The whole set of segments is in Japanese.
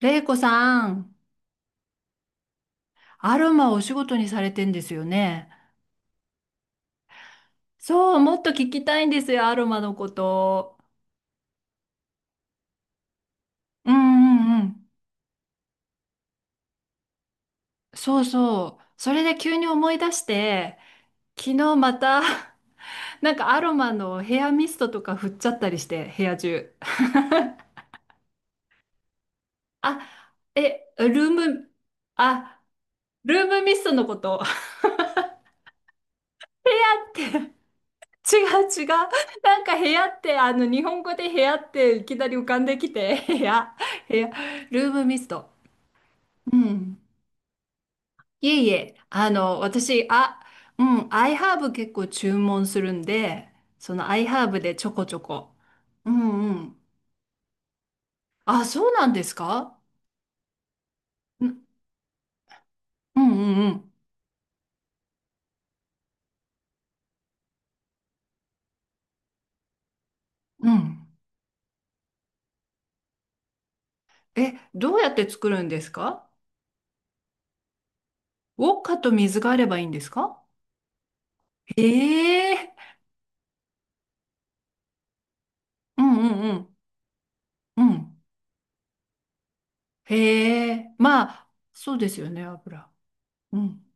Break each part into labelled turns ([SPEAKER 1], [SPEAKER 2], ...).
[SPEAKER 1] れいこさん、アロマをお仕事にされてんですよね。そう、もっと聞きたいんですよ、アロマのこと。うんうんうん。そうそう。それで急に思い出して、昨日また、なんかアロマのヘアミストとか振っちゃったりして、部屋中。あ、え、ルーム、あ、ルームミストのこと。って違う違う。なんか部屋って、日本語で部屋っていきなり浮かんできて、部屋、部屋、ルームミスト。うん。いえいえ、私、あ、うん、アイハーブ結構注文するんで、そのアイハーブでちょこちょこ。うんうん。あ、そうなんですか？んうんうんうん。うん。え、どうやって作るんですか？ウォッカと水があればいいんですか？へえ。うんうんうん。うん。へえ。まあ、そうですよね、油。うん。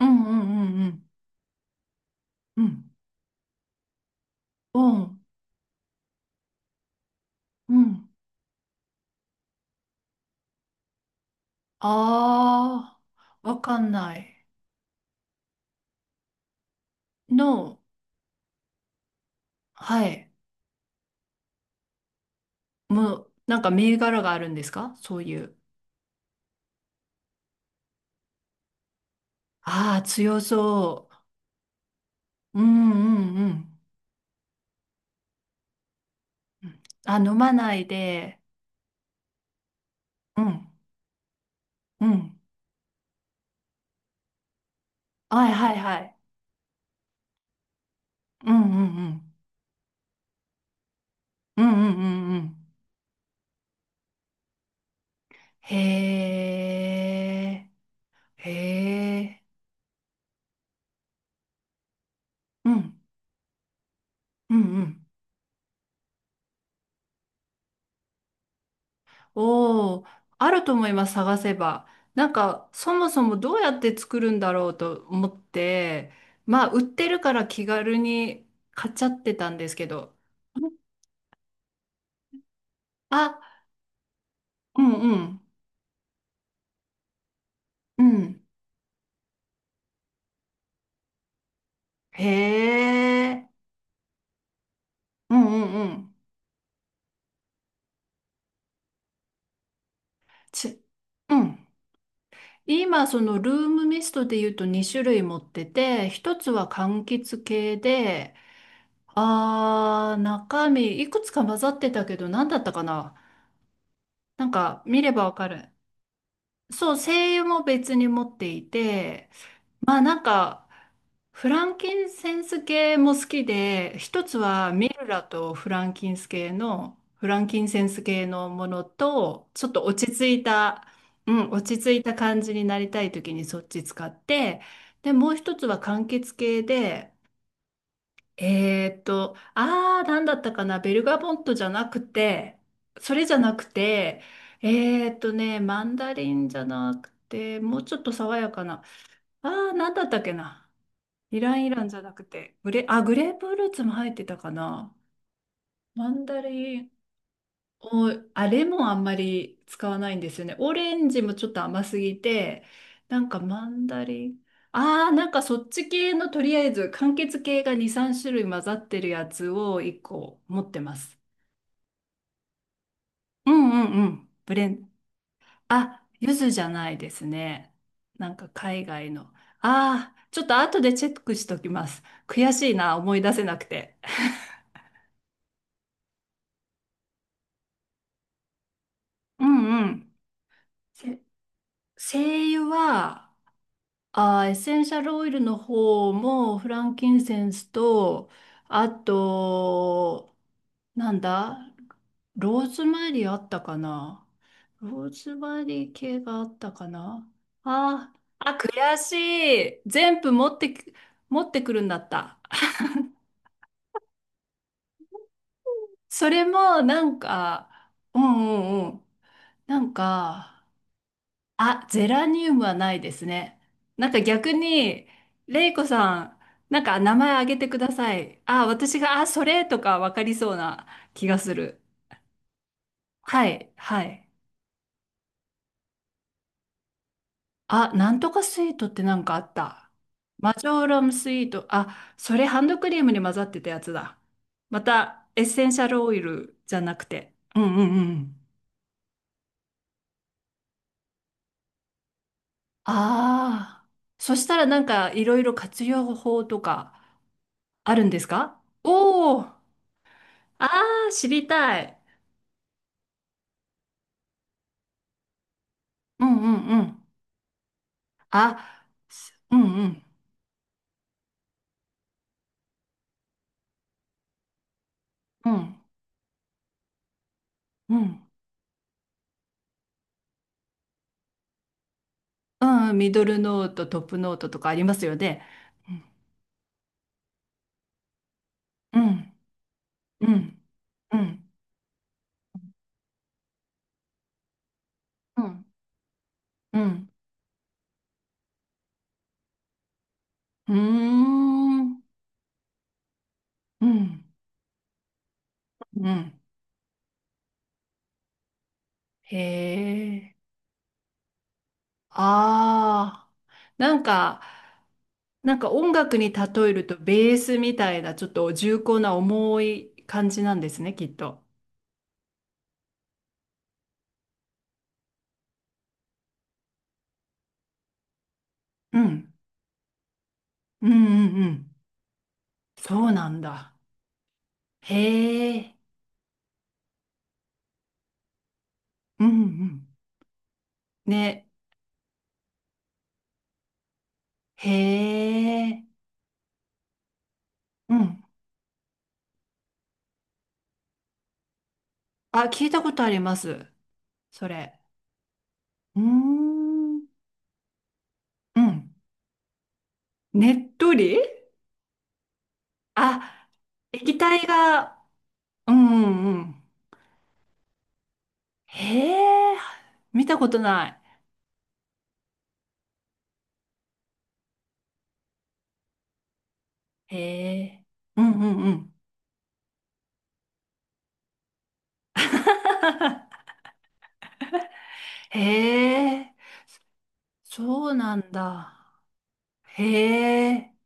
[SPEAKER 1] うんうんうんうん。うん。うん。うん。ああ、わかんない。No。 はい。もう、なんか銘柄があるんですか、そういう？ああ、強そう。うんうんうん。うんあ、飲まないで。うん、うん。はいはいはい。うんうんうん。うんうんうんうん。へえ、へえ。うん、うんうん。おー、あると思います、探せば。なんか、そもそもどうやって作るんだろうと思って、まあ、売ってるから気軽に買っちゃってたんですけど。あ、うんうん。うん。へえ。うんうんうん。ち、うん。今、そのルームミストで言うと2種類持ってて、一つは柑橘系で、中身いくつか混ざってたけど、何だったかな。なんか見ればわかる。そう、精油も別に持っていて、まあなんか、フランキンセンス系も好きで、一つはミルラとフランキンス系の、フランキンセンス系のものと、ちょっと落ち着いた、うん、落ち着いた感じになりたい時にそっち使って、で、もう一つは柑橘系で、なんだったかな、ベルガボットじゃなくて、それじゃなくて、マンダリンじゃなくて、もうちょっと爽やかな、なんだったっけな。イランイランじゃなくて、あ、グレープフルーツも入ってたかな。マンダリン、お、あれもあんまり使わないんですよね。オレンジもちょっと甘すぎて、なんかマンダリン、なんかそっち系のとりあえず、柑橘系が2、3種類混ざってるやつを1個持ってます。うんうんうん。ブレン、あ、柚子じゃないですね。なんか海外の。ちょっと後でチェックしときます。悔しいな、思い出せなくて。うんうん。せ精油は、エッセンシャルオイルの方もフランキンセンスと、あと、なんだ、ローズマリーあったかな？ローズマリー系があったかな？あ、悔しい。全部持ってき、持ってくるんだった。それもなんか、うんうんうん。なんか、あ、ゼラニウムはないですね。なんか逆に、レイコさん、なんか名前あげてください。あ、私が、あ、それとかわかりそうな気がする。はい、はい。あ、なんとかスイートってなんかあった。マジョーラムスイート。あ、それハンドクリームに混ざってたやつだ。また、エッセンシャルオイルじゃなくて。うんうんうん。ああ。そしたらなんかいろいろ活用法とかあるんですか？おおー、ああ、知りたい。うんうんうん。あ、うんうんうんうん。うん、ミドルノート、トップノートとかありますよね。うんうんうんうんうんうんうんうんうんうんへえ。ああ。なんか、なんか音楽に例えるとベースみたいなちょっと重厚な重い感じなんですね、きっと。うんうんうんうん。そうなんだ。へえ。うんうん。ね。へえ。うん。あ、聞いたことあります。それ。うーん。うん。ねっとりあ、液体が、うんうん。うんへえ。見たことない。へえ。うんうんうん。へえ。そうなんだ。へえ。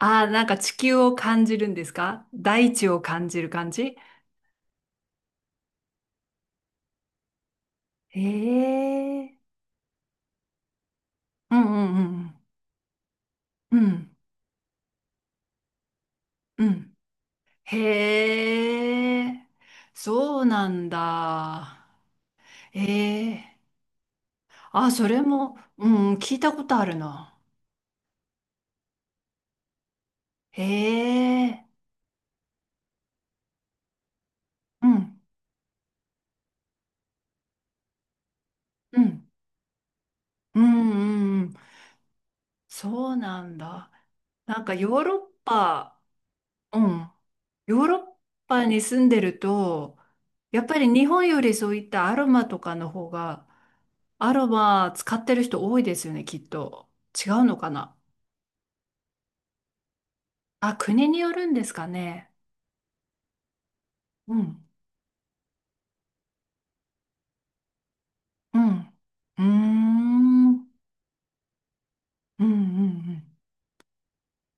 [SPEAKER 1] あ、なんか地球を感じるんですか？大地を感じる感じ？へえ。うんうんうんうん。うん、うん。へえ、そうなんだ。ええ、あ、それも、うん、聞いたことあるな。へえ、うん、うん、うん、うんうん、そうなんだ。なんかヨーロッパ、うん、ヨーロッパに住んでると、やっぱり日本よりそういったアロマとかの方が、アロマ使ってる人多いですよね、きっと。違うのかな。あ、国によるんですかね。うん、うん、うーん、うん、うん、うん。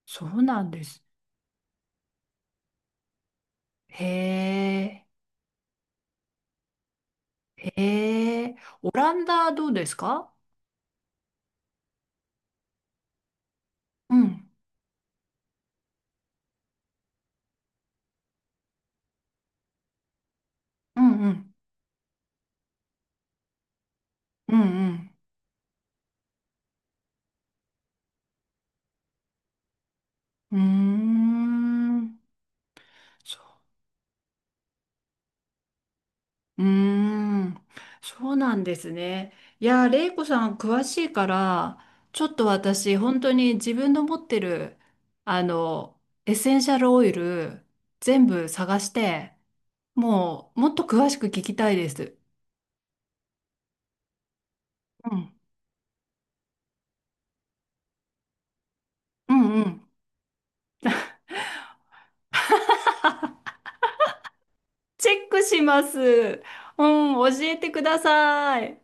[SPEAKER 1] そうなんです。へえ、へえ、オランダどうですか？うん、うん、うん、うん、うん。うーん、そう、うーん、そうなんですね。いやー、レイコさん詳しいから、ちょっと私、本当に自分の持ってる、あの、エッセンシャルオイル、全部探して、もう、もっと詳しく聞きたいです。うん、うん、うん。チェックします。うん、教えてください。